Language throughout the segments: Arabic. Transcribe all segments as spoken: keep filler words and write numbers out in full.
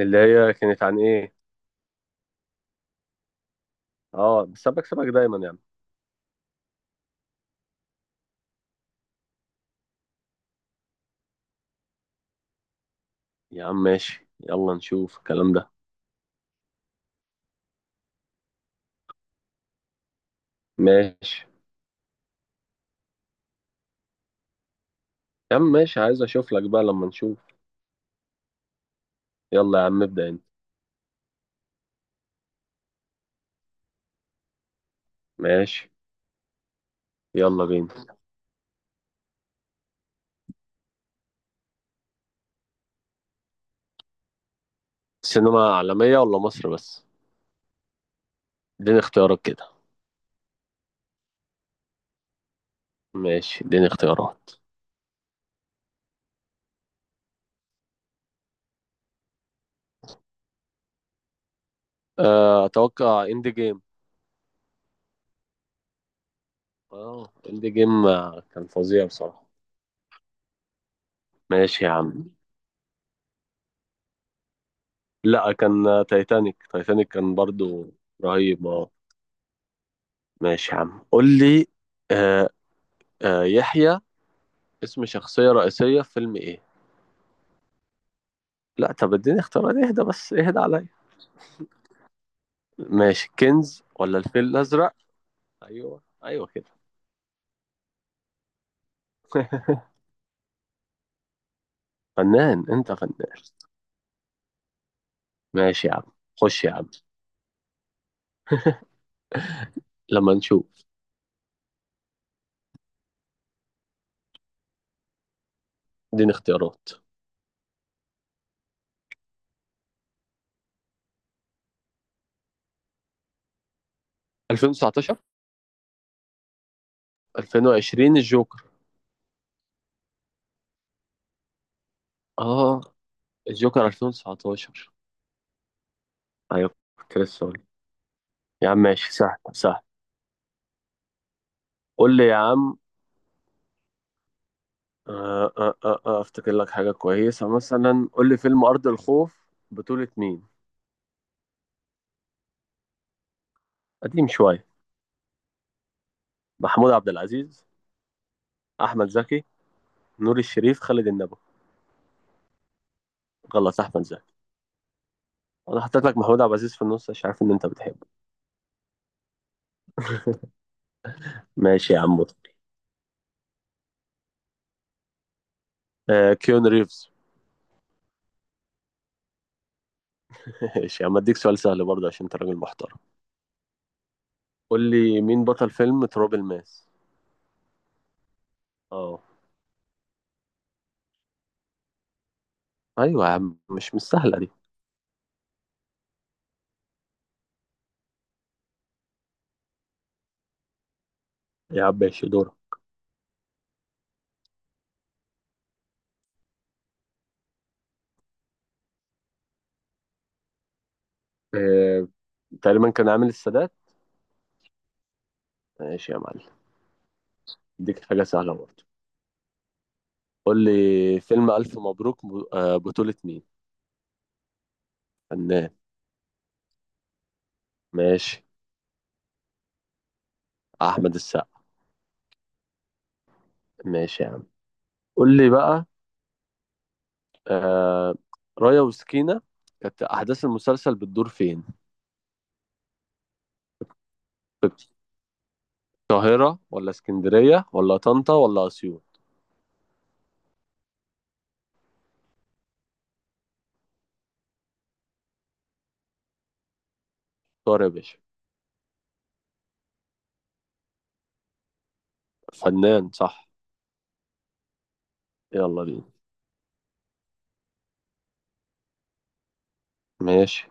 اللي هي كانت عن ايه؟ اه بس انا بكسبك دايما يا عم. يا عم ماشي، يلا نشوف الكلام ده. ماشي. يا عم ماشي، عايز اشوف لك بقى لما نشوف. يلا يا عم ابدأ انت. ماشي، يلا بينا. سينما عالمية ولا مصر بس؟ اديني اختيارات كده. ماشي اديني اختيارات. آه، اتوقع اند جيم. اه اند جيم، آه، كان فظيع بصراحة. ماشي يا عم. لا كان، آه، تايتانيك، تايتانيك كان برضو رهيب اه. ماشي يا عم قول لي. آه آه يحيى، اسم شخصية رئيسية في فيلم ايه. لا طب اديني اختيارات، اهدى بس اهدى عليا. ماشي، كنز ولا الفيل الأزرق؟ ايوه ايوه كده. فنان انت، فنان. ماشي يا عم. خش يا عم لما نشوف. اديني اختيارات. ألفين وتسعطاشر؟ ألفين وعشرين الجوكر. اه الجوكر ألفين وتسعطاشر. ايوه، كنت لسه أقول. يا عم ماشي، سهل سهل. قول لي يا عم. آه آه آه آه افتكر لك حاجة كويسة، مثلا قول لي فيلم أرض الخوف بطولة مين. قديم شوية. محمود عبد العزيز، احمد زكي، نور الشريف، خالد النبوي. غلط، احمد زكي. انا حطيت لك محمود عبد العزيز في النص عشان عارف ان انت بتحبه. ماشي يا عم. آه كيون ريفز. ماشي يا عم، اديك سؤال سهل برضه عشان انت راجل محترم. قول لي مين بطل فيلم تراب الماس. اه. ايوه يا عم، مش مش سهله دي. يا عم ماشي دورك. آه، تقريبا كان عامل السادات. ماشي يا معلم. اديك حاجه سهله برضه. قول لي فيلم الف مبروك ب- آه، بطوله مين. فنان. ماشي. احمد السقا. ماشي يا عم، قول لي بقى. آه، رايا وسكينة، كانت أحداث المسلسل بتدور فين؟ في القاهرة ولا اسكندرية ولا طنطا ولا أسيوط؟ اختار يا باشا. فنان، صح. يلا بينا. ماشي.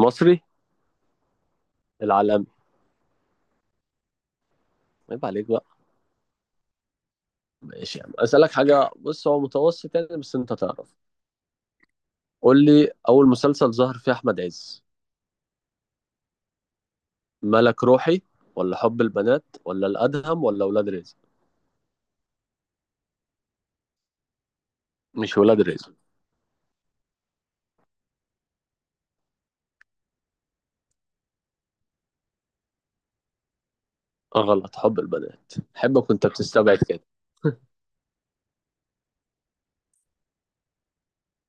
مصري. العالمي. عيب عليك بقى. ماشي يعني. أسألك حاجة، بص هو متوسط يعني، بس أنت تعرف. قول لي أول مسلسل ظهر فيه أحمد عز. ملك روحي ولا حب البنات ولا الأدهم ولا ولاد رزق؟ مش ولاد رزق. غلط، حب البنات، حبك وأنت بتستبعد كده.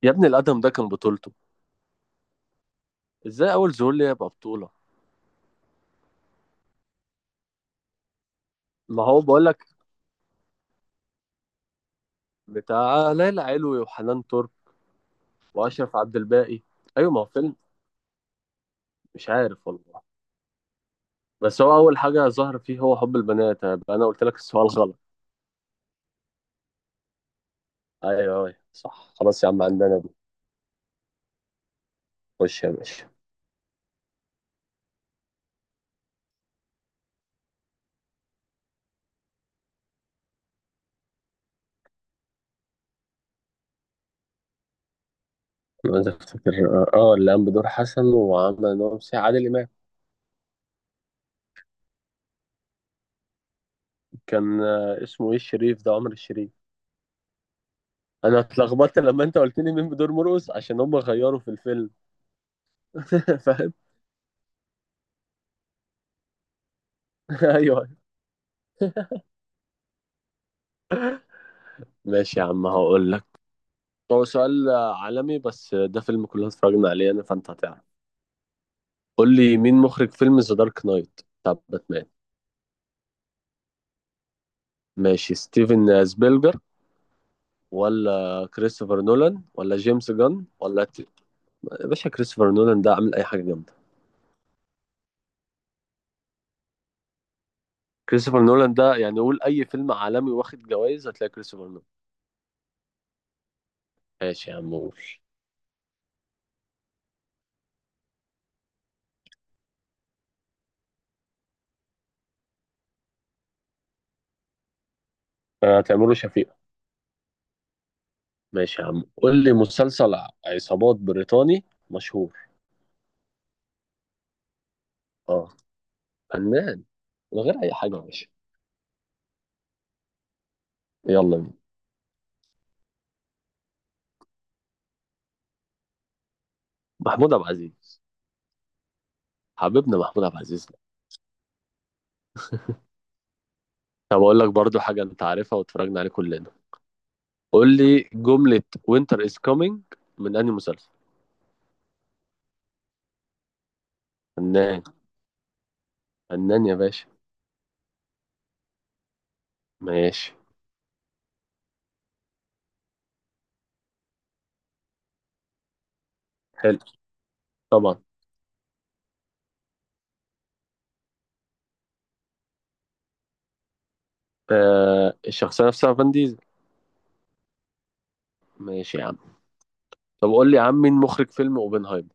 يا ابني الأدهم ده كان بطولته، ازاي اول ظهور ليه يبقى بطولة؟ ما هو بقول لك. بتاع ليلى علوي وحنان ترك واشرف عبد الباقي. ايوه ما هو فيلم. مش عارف والله. بس هو اول حاجة ظهر فيه هو حب البنات، انا أنا قلت لك السؤال غلط. ايوه، ايوه صح، خلاص يا عم عندنا دي. خش يا باشا. عايز افتكر. اه اللي قام بدور حسن وعمل نوم سي عادل امام. كان، آه، اسمه ايه الشريف ده، عمر الشريف. انا اتلخبطت لما انت قلت لي مين بدور مرقص عشان هم غيروا في الفيلم. فاهم. ايوه. ماشي يا عم هقول لك. هو سؤال عالمي، بس ده فيلم كلنا اتفرجنا عليه انا فانت هتعرف. قول لي مين مخرج فيلم ذا دارك نايت بتاع باتمان. ماشي، ستيفن سبيلجر ولا كريستوفر نولان ولا جيمس جان ولا ت... يا باشا كريستوفر نولان ده عامل اي حاجه جامده. كريستوفر نولان ده يعني، قول اي فيلم عالمي واخد جوائز هتلاقي كريستوفر نولان. ماشي يا عم قول. آه، هتعمله شفيقة. ماشي يا عم، قول لي مسلسل عصابات بريطاني مشهور. اه، فنان، من غير اي حاجه يا باشا. يلا بينا. محمود عبد العزيز. حبيبنا محمود عبد العزيز. طب اقول لك برضو حاجه انت عارفها واتفرجنا عليه كلنا. قول لي جمله وينتر از كومينج من انهي مسلسل. فنان، فنان يا باشا. ماشي. حلو. طبعا. آه الشخصيه نفسها، فان ديزل. ماشي يا عم. طب قول لي يا عم، مين مخرج فيلم اوبنهايمر.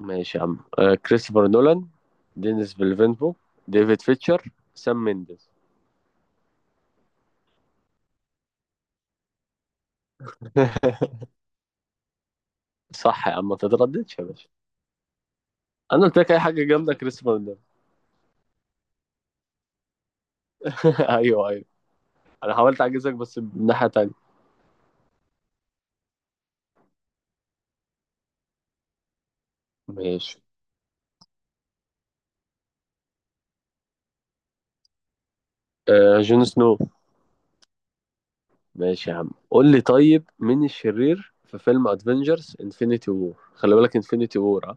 ماشي يا عم. آه كريستوفر نولان، دينيس فيلفينفو، ديفيد فيتشر، سام مينديز. صح يا عم، ما تترددش يا باشا. انا قلت لك اي حاجه جامده كريستوفر نولان. ايوه ايوه. انا حاولت اعجزك بس من ناحيه تانية. ماشي. آه جون سنو. ماشي يا عم، قول لي طيب مين الشرير في فيلم ادفنجرز انفينيتي وور، خلي بالك انفينيتي وور اه.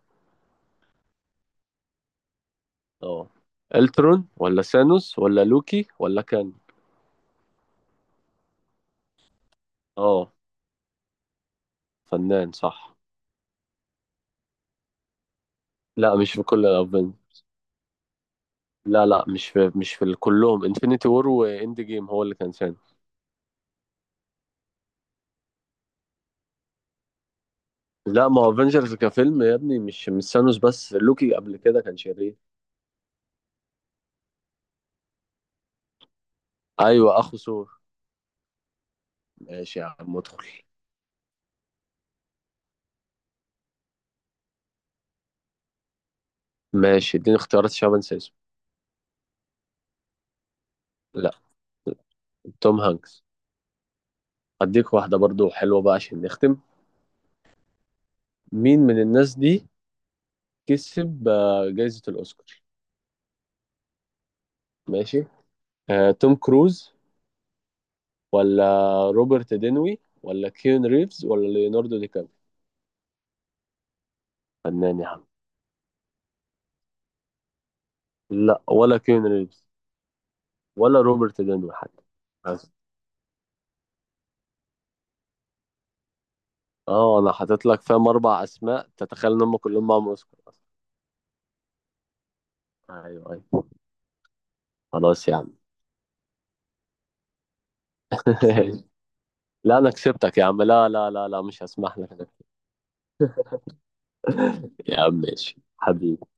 اه، الترون ولا سانوس ولا لوكي ولا كان. اه. فنان، صح. لا مش في كل الافنجرز. لا لا، مش في مش في كلهم، انفينيتي وور واند جيم هو اللي كان سانوس. لا ما هو افنجرز كفيلم يا ابني مش مش سانوس بس، لوكي قبل كده كان شرير. ايوه اخو ثور. ماشي يا عم ادخل. ماشي اديني اختيارات عشان أنا بنسى اسمه. لا، توم هانكس. اديك واحدة برضو حلوة بقى عشان نختم. مين من الناس دي كسب آه، جايزة الأوسكار. ماشي. آه، توم كروز ولا روبرت دينوي ولا كيون ريفز ولا ليوناردو دي كابري. فنان يا عم. لا، ولا كيون ريفز، ولا روبرت دينوي حتى. بس اه، انا حاطط لك فاهم اربع اسماء تتخيل ان هم كلهم معاهم اوسكار اصلا. ايوه ايوه. خلاص يا عم. لا انا كسبتك يا عم، لا لا لا لا مش هسمح لك، أنا كسبتك. يا عم ماشي حبيبي.